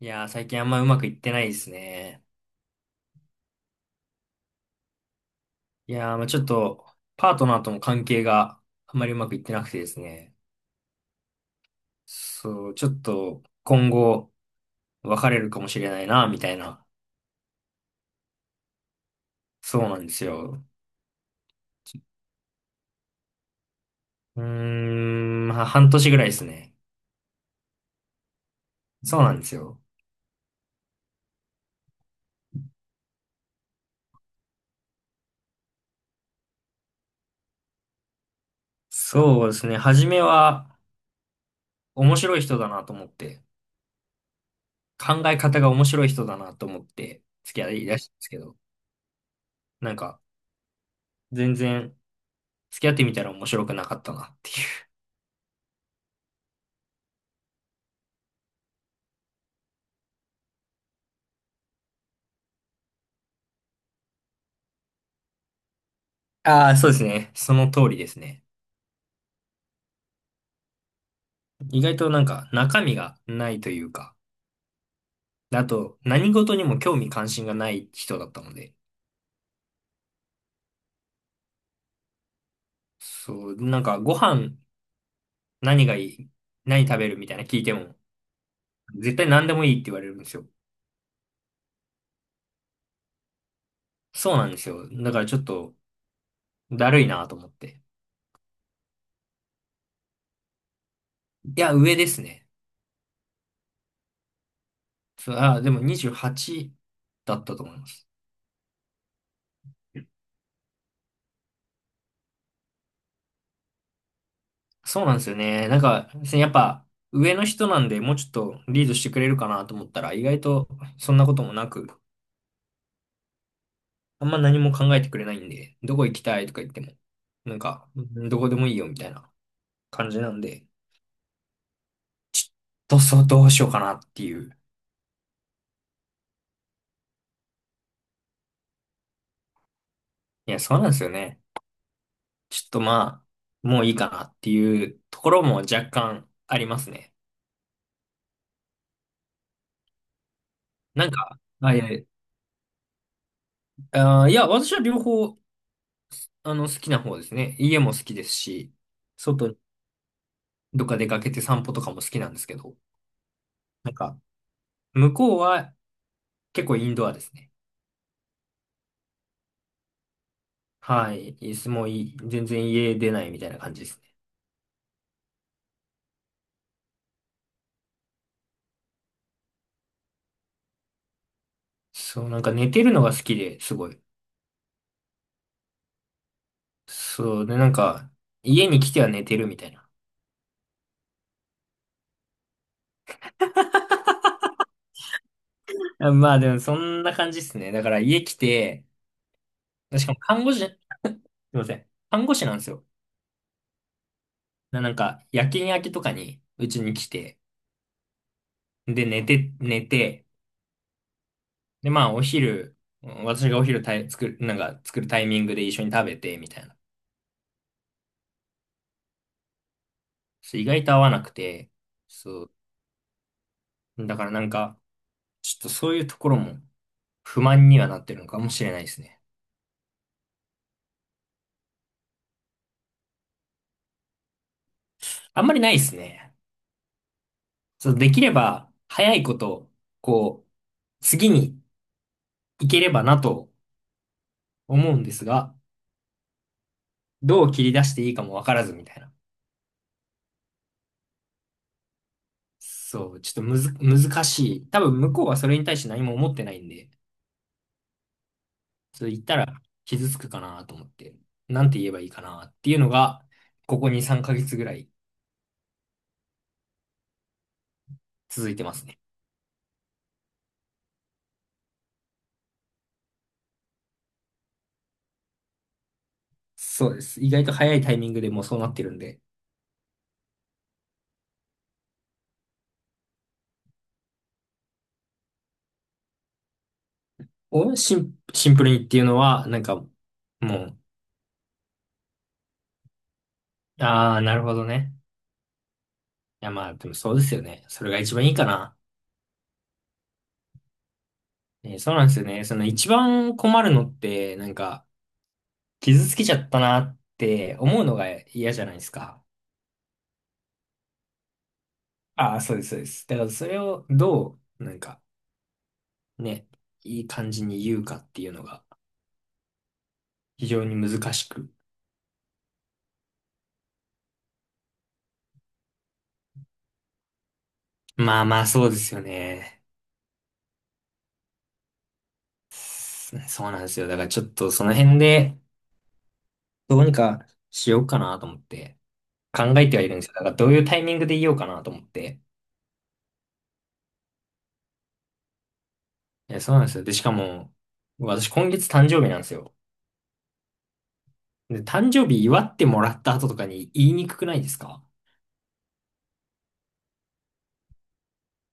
いやー、最近あんまうまくいってないですね。いやー、まあちょっと、パートナーとの関係があんまりうまくいってなくてですね。そう、ちょっと、今後、別れるかもしれないな、みたいな。そうなんですよ。うーん、まあ半年ぐらいですね。そうなんですよ。そうですね。初めは、面白い人だなと思って、考え方が面白い人だなと思って、付き合いだしたんですけど、なんか、全然、付き合ってみたら面白くなかったなっていう。ああ、そうですね。その通りですね。意外となんか中身がないというか、あと何事にも興味関心がない人だったので、そう、なんかご飯何がいい、何食べるみたいな聞いても、絶対何でもいいって言われるんですよ。そうなんですよ。だからちょっとだるいなと思って。いや、上ですね。そう、でも28だったと思います。そうなんですよね。なんか、やっぱ上の人なんでもうちょっとリードしてくれるかなと思ったら、意外とそんなこともなく、あんま何も考えてくれないんで、どこ行きたいとか言っても、なんか、どこでもいいよみたいな感じなんで、そうそう、どうしようかなっていう。いや、そうなんですよね。ちょっとまあ、もういいかなっていうところも若干ありますね。なんか、あ、いや、いや、私は両方、あの、好きな方ですね。家も好きですし、外にどっか出かけて散歩とかも好きなんですけど、なんか、向こうは結構インドアですね。はい。いつもいい、全然家出ないみたいな感じですね。そう、なんか寝てるのが好きで、すごい。そう、で、なんか、家に来ては寝てるみたいな。あまあでも、そんな感じですね。だから家来て、しかも看護師、すいません。看護師なんですよ。なんか、夜勤明けとかに、うちに来て、で、寝て、寝て、で、まあ、お昼、うん私がお昼作る、なんか、作るタイミングで一緒に食べて、みたいな。そう意外と合わなくて、そう。だからなんか、ちょっとそういうところも不満にはなってるのかもしれないですね。あんまりないですね。そう、できれば早いこと、こう、次に行ければなと思うんですが、どう切り出していいかもわからずみたいな。そう、ちょっとむず、難しい。多分向こうはそれに対して何も思ってないんで、それ言ったら傷つくかなと思って、なんて言えばいいかなっていうのが、ここ2、3ヶ月ぐらい続いてますね。そうです。意外と早いタイミングでもうそうなってるんで、お、シンプルにっていうのは、なんか、もう、ああ、なるほどね。いや、まあ、でもそうですよね。それが一番いいかな。ね、そうなんですよね。その一番困るのって、なんか、傷つけちゃったなって思うのが嫌じゃないですか。ああ、そうです、そうです。だからそれをどう、なんか、ね、いい感じに言うかっていうのが非常に難しく。まあまあ、そうですよね。そうなんですよ。だからちょっとその辺で、どうにかしようかなと思って、考えてはいるんですよ。だからどういうタイミングで言おうかなと思って。いや、そうなんですよ。で、しかも、私今月誕生日なんですよ。で、誕生日祝ってもらった後とかに言いにくくないですか？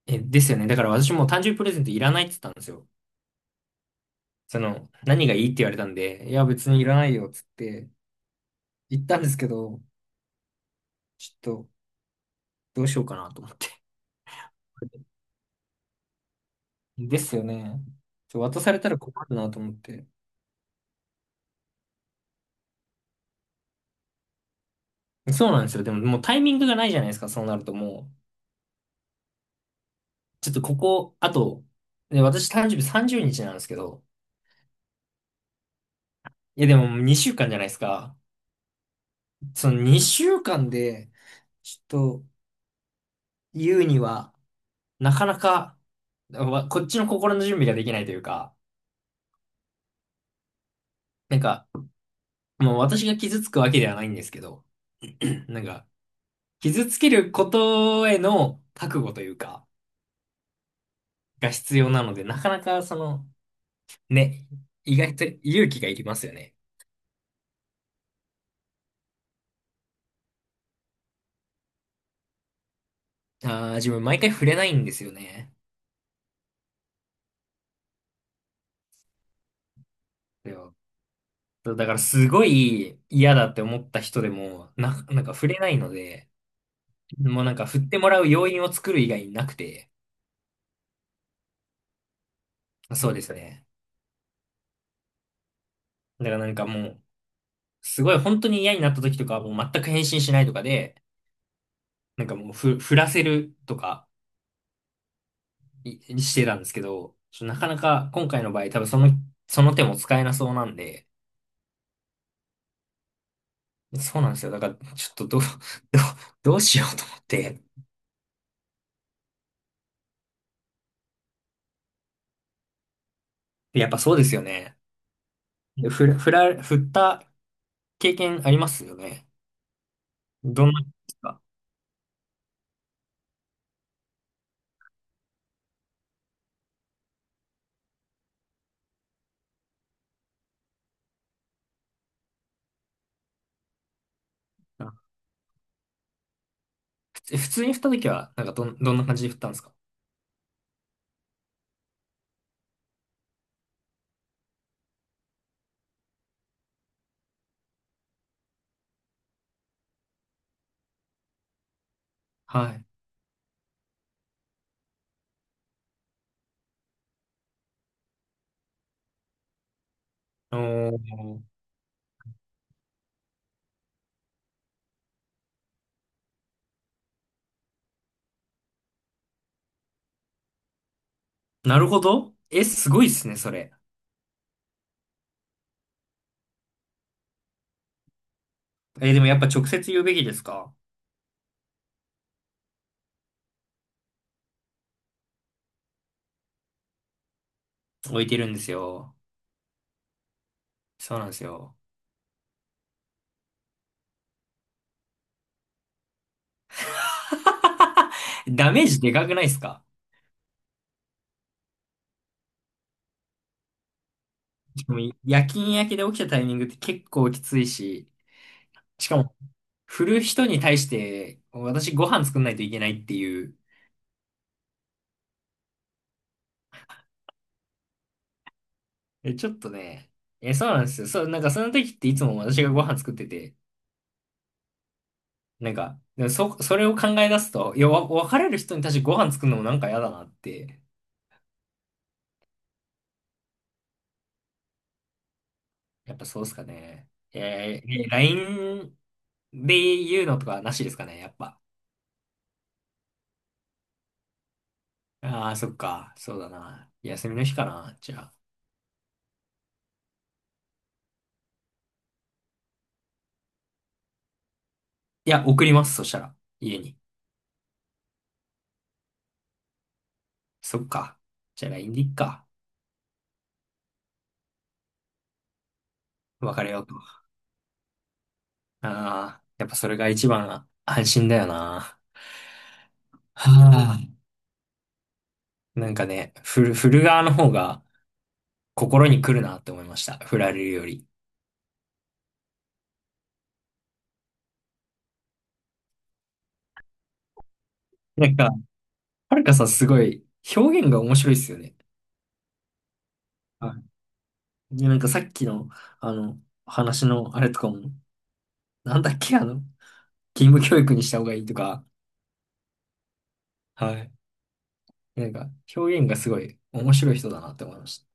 え、ですよね。だから私もう誕生日プレゼントいらないって言ったんですよ。その、何がいいって言われたんで、いや、別にいらないよっつって言ったんですけど、ちょっとどうしようかなと思って。ですよね。渡されたら困るなと思って。そうなんですよ。でももうタイミングがないじゃないですか、そうなるともう。ちょっとここ、あと、で、私誕生日30日なんですけど、いやでも2週間じゃないですか。その2週間で、ちょっと言うには、なかなか、こっちの心の準備ができないというか、なんか、もう私が傷つくわけではないんですけど、なんか、傷つけることへの覚悟というか、が必要なので、なかなかその、ね、意外と勇気がいりますよね。ああ、自分毎回触れないんですよね。そうだからすごい嫌だって思った人でも、なんか触れないので、もうなんか振ってもらう要因を作る以外になくて、そうですね。だからなんかもう、すごい本当に嫌になった時とかはもう全く返信しないとかで、なんかもう振らせるとかしてたんですけど、なかなか今回の場合多分その、その手も使えなそうなんで、そうなんですよ。だからちょっとどう、どうしようと思って。やっぱそうですよね。振った経験ありますよね。どんな、ですか？あ普通に振った時は、なんかどんな感じで振ったんですか？はい。おー、なるほど。え、すごいっすね、それ。え、でもやっぱ直接言うべきですか？置いてるんですよ。そうなんですよ。ダメージでかくないですか？しかも夜勤明けで起きたタイミングって結構きついし、しかも、振る人に対して、私ご飯作んないといけないっていう。え、ちょっとね、え、そうなんですよ。そう、なんかその時っていつも私がご飯作ってて、なんか、でもそれを考え出すと、いや、別れる人に対してご飯作るのもなんか嫌だなってやっぱそうっすかね。え LINE で言うのとかなしですかね、やっぱ。ああ、そっか。そうだな。休みの日かな、じゃあ。いや、送ります、そしたら。家に。そっか。じゃあ LINE でいっか。別れようと。ああ、やっぱそれが一番安心だよな。はあ。なんかね、振る側の方が心に来るなって思いました。振られるより。なんか、はるかさんすごい表現が面白いっすよね。でなんかさっきの、あの、話のあれとかも、なんだっけ、あの、義務教育にした方がいいとか、はい。なんか、表現がすごい面白い人だなって思いました。